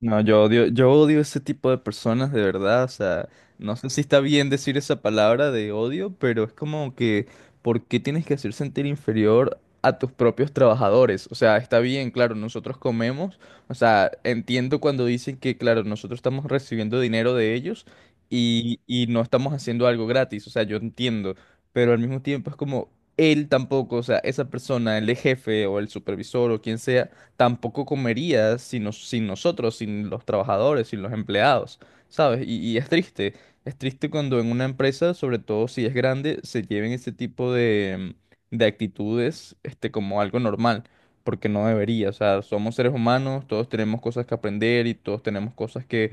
No, yo odio ese tipo de personas, de verdad. O sea, no sé si está bien decir esa palabra de odio, pero es como que, ¿por qué tienes que hacer sentir inferior a tus propios trabajadores? O sea, está bien, claro, nosotros comemos. O sea, entiendo cuando dicen que, claro, nosotros estamos recibiendo dinero de ellos y no estamos haciendo algo gratis. O sea, yo entiendo, pero al mismo tiempo es como él tampoco, o sea, esa persona, el jefe o el supervisor o quien sea tampoco comerías sin, sin nosotros, sin los trabajadores, sin los empleados, ¿sabes? Y es triste cuando en una empresa, sobre todo si es grande, se lleven ese tipo de actitudes, este, como algo normal, porque no debería, o sea, somos seres humanos, todos tenemos cosas que aprender y todos tenemos cosas que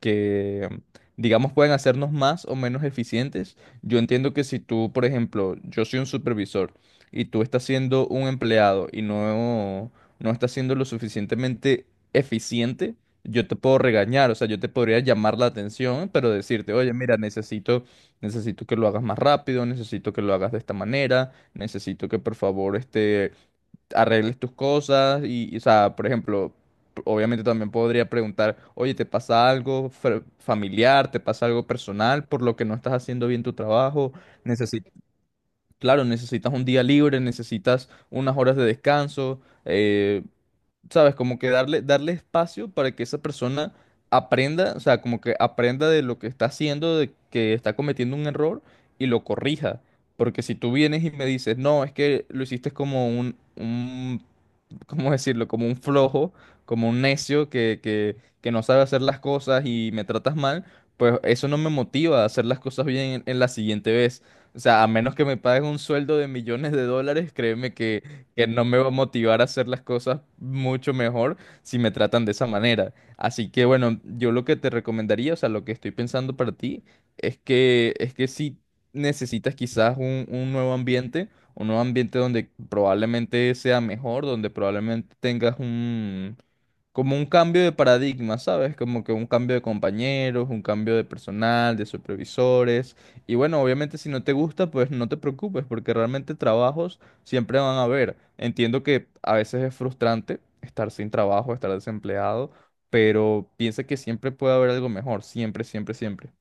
que, digamos, pueden hacernos más o menos eficientes. Yo entiendo que si tú, por ejemplo, yo soy un supervisor y tú estás siendo un empleado no estás siendo lo suficientemente eficiente, yo te puedo regañar, o sea, yo te podría llamar la atención, pero decirte, oye, mira, necesito que lo hagas más rápido, necesito que lo hagas de esta manera, necesito que por favor este, arregles tus cosas y o sea, por ejemplo... Obviamente también podría preguntar, oye, ¿te pasa algo familiar? ¿Te pasa algo personal por lo que no estás haciendo bien tu trabajo? Necesi- claro, necesitas un día libre, necesitas unas horas de descanso. eh, ¿Sabes? Como que darle espacio para que esa persona aprenda, o sea, como que aprenda de lo que está haciendo, de que está cometiendo un error y lo corrija. Porque si tú vienes y me dices, no, es que lo hiciste como un ¿cómo decirlo? Como un flojo, como un necio que no sabe hacer las cosas y me tratas mal, pues eso no me motiva a hacer las cosas bien en la siguiente vez. O sea, a menos que me pagues un sueldo de millones de dólares, créeme que no me va a motivar a hacer las cosas mucho mejor si me tratan de esa manera. Así que bueno, yo lo que te recomendaría, o sea, lo que estoy pensando para ti, es que si necesitas quizás un nuevo ambiente donde probablemente sea mejor, donde probablemente tengas un, como un cambio de paradigma, ¿sabes? Como que un cambio de compañeros, un cambio de personal, de supervisores. Y bueno, obviamente si no te gusta, pues no te preocupes, porque realmente trabajos siempre van a haber. Entiendo que a veces es frustrante estar sin trabajo, estar desempleado, pero piensa que siempre puede haber algo mejor, siempre, siempre, siempre.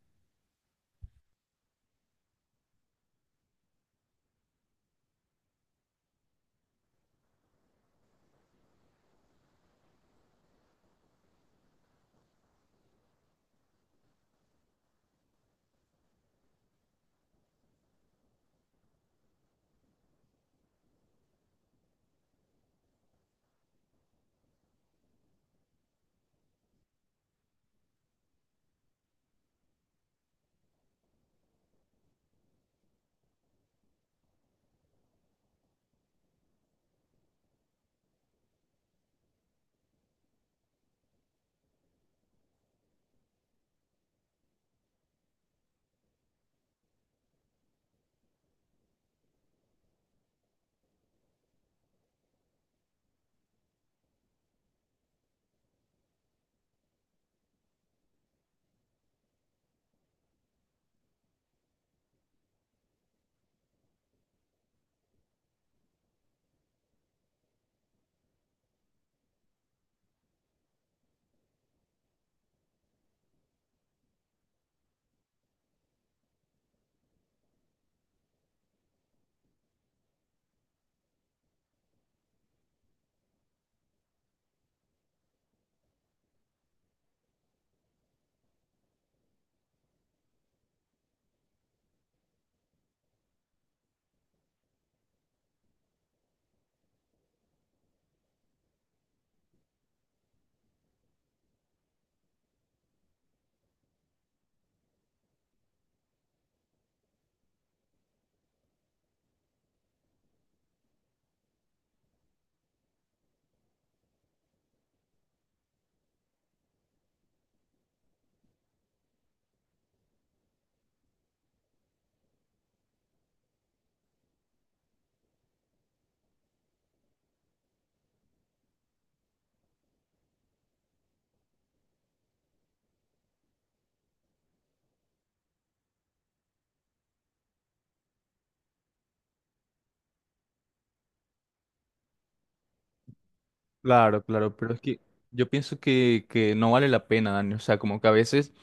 Claro, claro, pero es que yo pienso que no vale la pena, Dani. O sea, como que a veces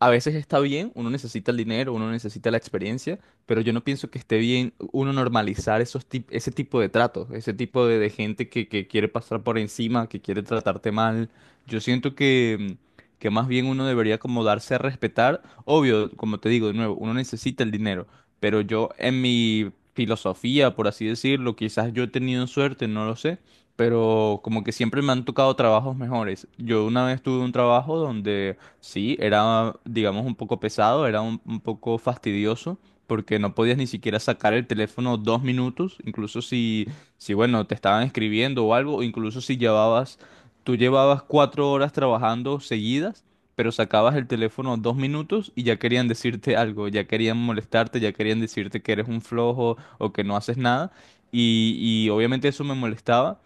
a veces está bien, uno necesita el dinero, uno necesita la experiencia, pero yo no pienso que esté bien uno normalizar esos ese tipo de tratos, ese tipo de gente que quiere pasar por encima, que quiere tratarte mal. Yo siento que, que más bien uno debería como darse a respetar. Obvio, como te digo de nuevo, uno necesita el dinero, pero yo en mi filosofía, por así decirlo, quizás yo he tenido suerte, no lo sé, pero como que siempre me han tocado trabajos mejores. Yo una vez tuve un trabajo donde... Sí, era, digamos, un poco pesado, era un poco fastidioso, porque no podías ni siquiera sacar el teléfono 2 minutos, incluso si, si bueno, te estaban escribiendo o algo, o incluso si llevabas, tú llevabas 4 horas trabajando seguidas, pero sacabas el teléfono 2 minutos y ya querían decirte algo, ya querían molestarte, ya querían decirte que eres un flojo o que no haces nada, y, y obviamente eso me molestaba.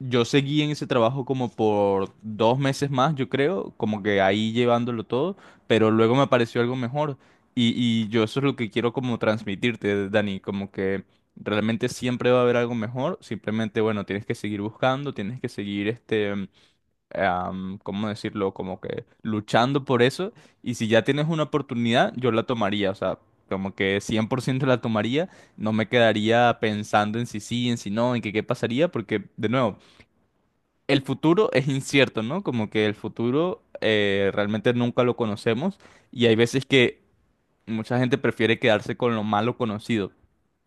Yo seguí en ese trabajo como por 2 meses más, yo creo, como que ahí llevándolo todo, pero luego me apareció algo mejor y yo eso es lo que quiero como transmitirte, Dani, como que realmente siempre va a haber algo mejor, simplemente, bueno, tienes que seguir buscando, tienes que seguir, este, ¿cómo decirlo? Como que luchando por eso y si ya tienes una oportunidad, yo la tomaría, o sea, como que 100% la tomaría, no me quedaría pensando en si sí, en si no, en que qué pasaría, porque de nuevo, el futuro es incierto, ¿no? Como que el futuro realmente nunca lo conocemos y hay veces que mucha gente prefiere quedarse con lo malo conocido.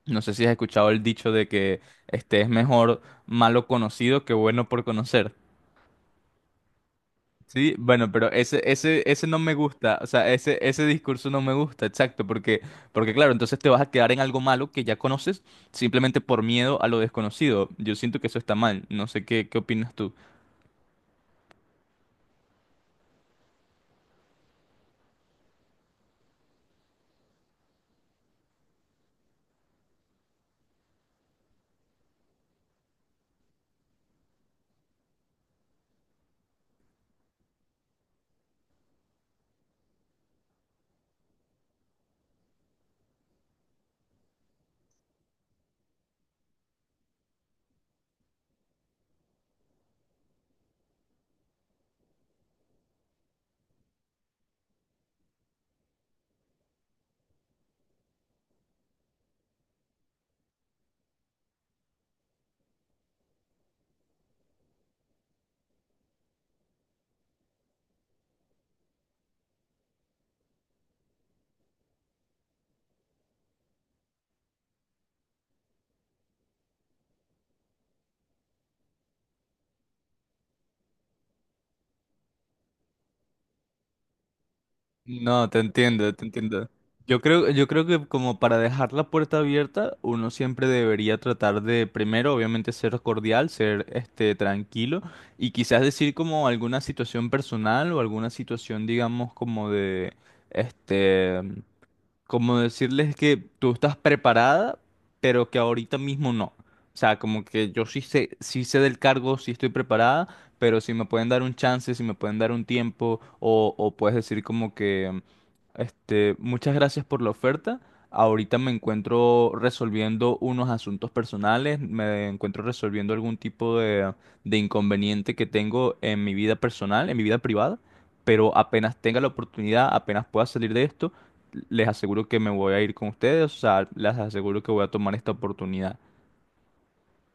No sé si has escuchado el dicho de que este es mejor malo conocido que bueno por conocer. Sí, bueno, pero ese no me gusta, o sea, ese discurso no me gusta, exacto, porque, porque claro, entonces te vas a quedar en algo malo que ya conoces simplemente por miedo a lo desconocido. Yo siento que eso está mal, no sé qué, qué opinas tú. No, te entiendo, te entiendo. Yo creo que como para dejar la puerta abierta, uno siempre debería tratar de, primero, obviamente, ser cordial, ser este tranquilo, y quizás decir como alguna situación personal o alguna situación, digamos, como de este como decirles que tú estás preparada, pero que ahorita mismo no. O sea, como que yo sí sé del cargo, sí estoy preparada, pero si me pueden dar un chance, si me pueden dar un tiempo, o puedes decir como que, este, muchas gracias por la oferta. Ahorita me encuentro resolviendo unos asuntos personales, me encuentro resolviendo algún tipo de inconveniente que tengo en mi vida personal, en mi vida privada, pero apenas tenga la oportunidad, apenas pueda salir de esto les aseguro que me voy a ir con ustedes, o sea, les aseguro que voy a tomar esta oportunidad.